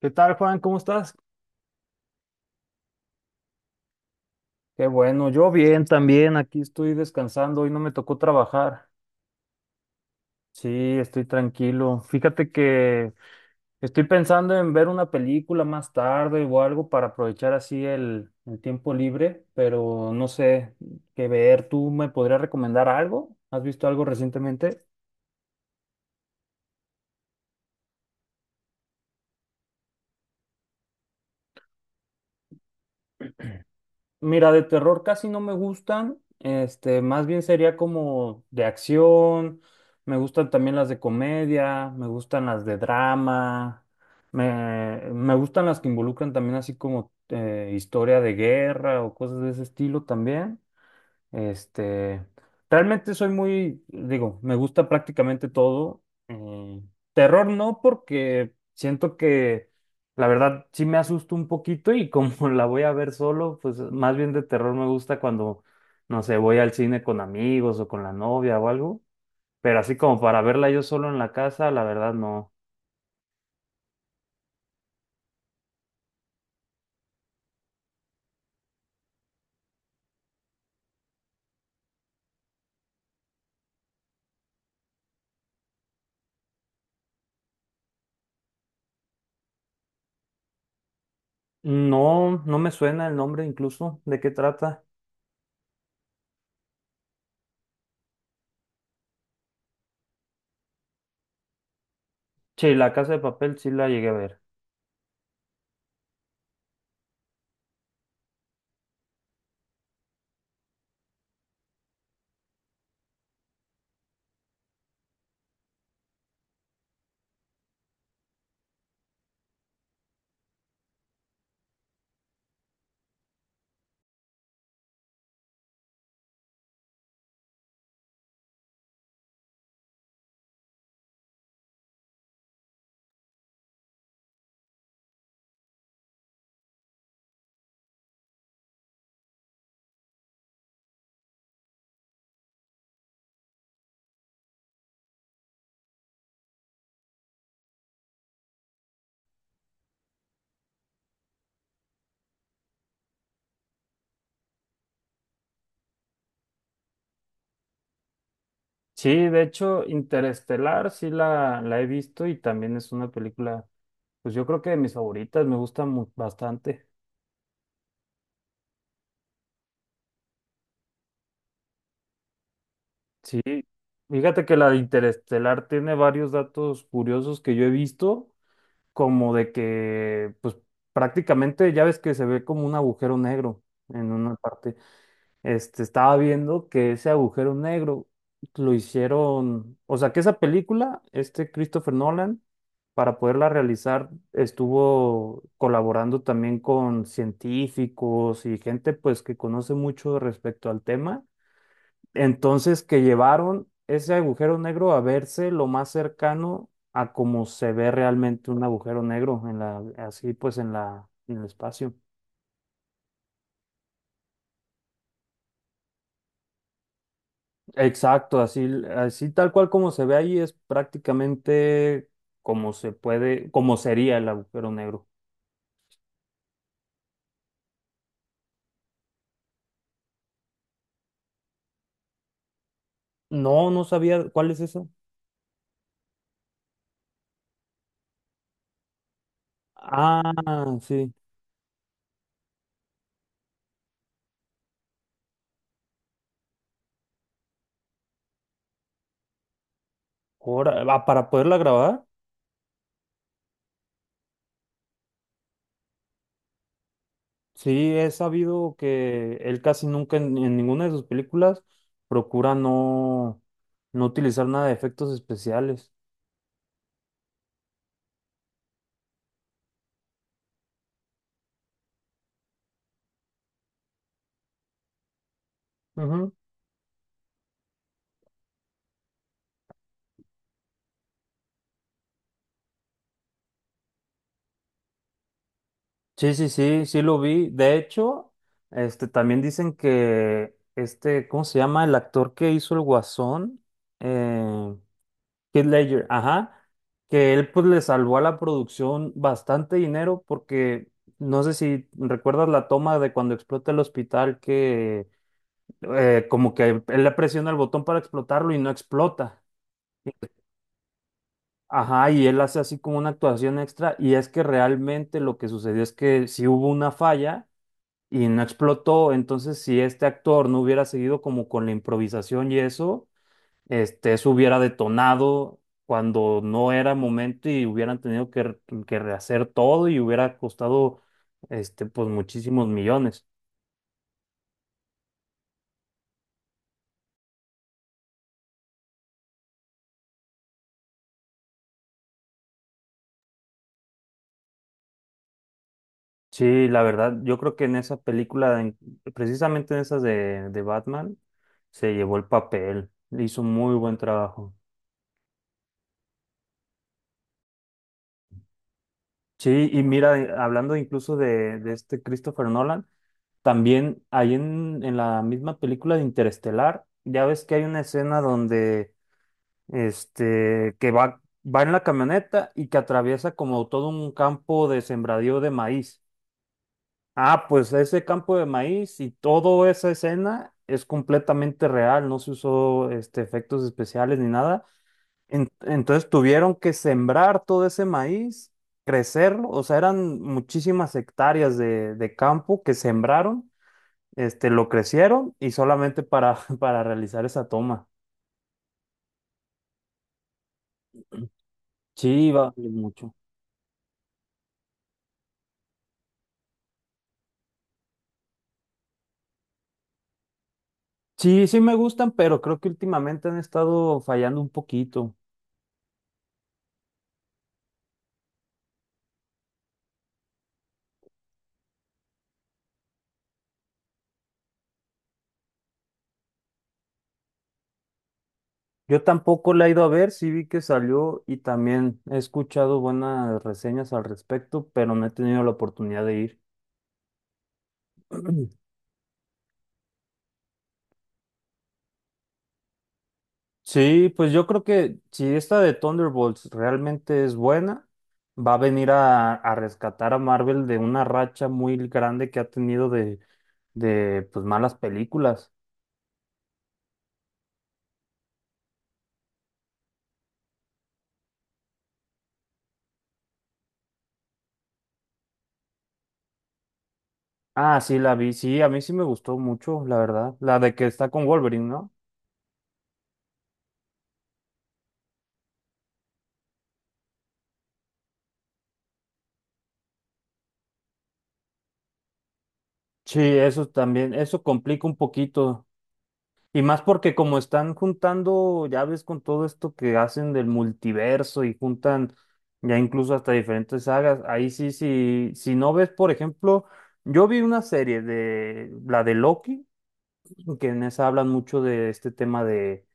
¿Qué tal, Juan? ¿Cómo estás? Qué bueno, yo bien también, aquí estoy descansando, hoy no me tocó trabajar. Sí, estoy tranquilo. Fíjate que estoy pensando en ver una película más tarde o algo para aprovechar así el tiempo libre, pero no sé qué ver. ¿Tú me podrías recomendar algo? ¿Has visto algo recientemente? Mira, de terror casi no me gustan. Más bien sería como de acción. Me gustan también las de comedia, me gustan las de drama. Me gustan las que involucran también así como historia de guerra o cosas de ese estilo también. Este, Realmente soy muy, digo, me gusta prácticamente todo. eh, terror no, porque siento que la verdad sí me asusto un poquito y como la voy a ver solo, pues más bien de terror me gusta cuando, no sé, voy al cine con amigos o con la novia o algo. Pero así como para verla yo solo en la casa, la verdad no. No, no me suena el nombre, incluso de qué trata. Sí, La Casa de Papel sí la llegué a ver. Sí, de hecho, Interestelar sí la he visto y también es una película, pues yo creo que de mis favoritas, me gusta bastante. Sí, fíjate que la de Interestelar tiene varios datos curiosos que yo he visto, como de que, pues prácticamente ya ves que se ve como un agujero negro en una parte. Estaba viendo que ese agujero negro lo hicieron, o sea, que esa película, Christopher Nolan, para poderla realizar, estuvo colaborando también con científicos y gente pues que conoce mucho respecto al tema. Entonces, que llevaron ese agujero negro a verse lo más cercano a cómo se ve realmente un agujero negro en la, así pues en la, en el espacio. Exacto, así, así tal cual como se ve ahí es prácticamente como sería el agujero negro. No, no sabía cuál es eso. Ah, sí. Ahora, para poderla grabar, sí, he sabido que él casi nunca en ninguna de sus películas procura no, utilizar nada de efectos especiales. Sí, sí, sí, sí lo vi. De hecho, también dicen que ¿cómo se llama? El actor que hizo el Guasón, eh, Heath Ledger, ajá, que él pues le salvó a la producción bastante dinero porque no sé si recuerdas la toma de cuando explota el hospital, que como que él le presiona el botón para explotarlo y no explota. Ajá, y él hace así como una actuación extra, y es que realmente lo que sucedió es que sí hubo una falla y no explotó. Entonces, si este actor no hubiera seguido como con la improvisación y eso, eso hubiera detonado cuando no era momento y hubieran tenido que rehacer todo y hubiera costado, pues muchísimos millones. Sí, la verdad, yo creo que en esa película, precisamente en esas de, Batman, se llevó el papel, hizo muy buen trabajo. Sí, y mira, hablando incluso de Christopher Nolan, también ahí en la misma película de Interestelar, ya ves que hay una escena donde que va en la camioneta y que atraviesa como todo un campo de sembradío de maíz. Ah, pues ese campo de maíz y toda esa escena es completamente real, no se usó efectos especiales ni nada. Entonces tuvieron que sembrar todo ese maíz, crecerlo, o sea, eran muchísimas hectáreas de campo que sembraron lo crecieron y solamente para, para realizar esa toma. Sí, va a valer mucho. Sí, sí me gustan, pero creo que últimamente han estado fallando un poquito. Yo tampoco la he ido a ver, sí vi que salió y también he escuchado buenas reseñas al respecto, pero no he tenido la oportunidad de ir. Sí, pues yo creo que si esta de Thunderbolts realmente es buena, va a venir a, rescatar a Marvel de una racha muy grande que ha tenido de pues, malas películas. Ah, sí, la vi. Sí, a mí sí me gustó mucho, la verdad. La de que está con Wolverine, ¿no? Sí, eso también, eso complica un poquito. Y más porque como están juntando, ya ves, con todo esto que hacen del multiverso y juntan ya incluso hasta diferentes sagas, ahí sí, sí, si no ves, por ejemplo, yo vi una serie de la de Loki, que en esa hablan mucho de este tema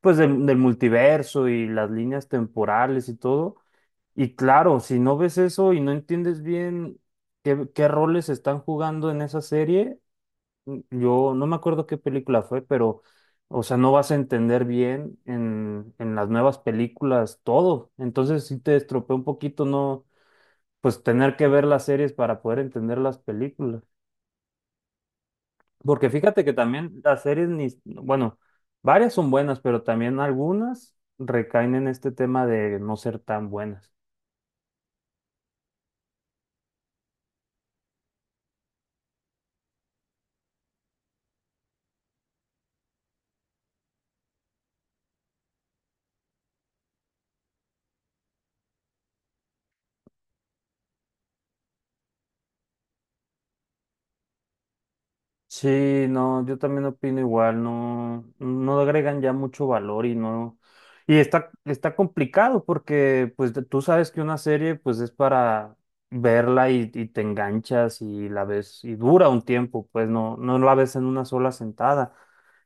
pues, del multiverso y las líneas temporales y todo. Y claro, si no ves eso y no entiendes bien qué roles están jugando en esa serie, yo no me acuerdo qué película fue, pero, o sea, no vas a entender bien en, las nuevas películas todo. Entonces sí te estropea un poquito, no, pues tener que ver las series para poder entender las películas. Porque fíjate que también las series, ni, bueno, varias son buenas, pero también algunas recaen en este tema de no ser tan buenas. Sí, no, yo también opino igual, no, agregan ya mucho valor y no, y está complicado porque pues tú sabes que una serie pues es para verla y te enganchas y la ves y dura un tiempo, pues no la ves en una sola sentada.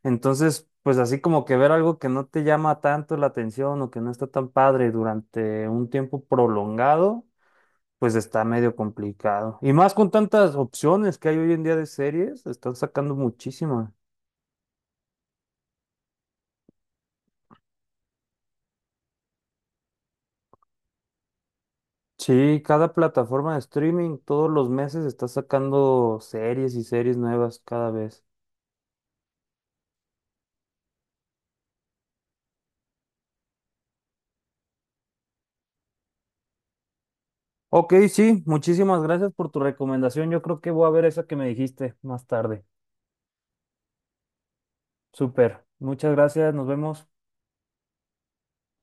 Entonces, pues así como que ver algo que no te llama tanto la atención o que no está tan padre durante un tiempo prolongado, pues está medio complicado. Y más con tantas opciones que hay hoy en día de series, están sacando muchísimas. Sí, cada plataforma de streaming todos los meses está sacando series y series nuevas cada vez. Ok, sí, muchísimas gracias por tu recomendación. Yo creo que voy a ver esa que me dijiste más tarde. Súper. Muchas gracias, nos vemos.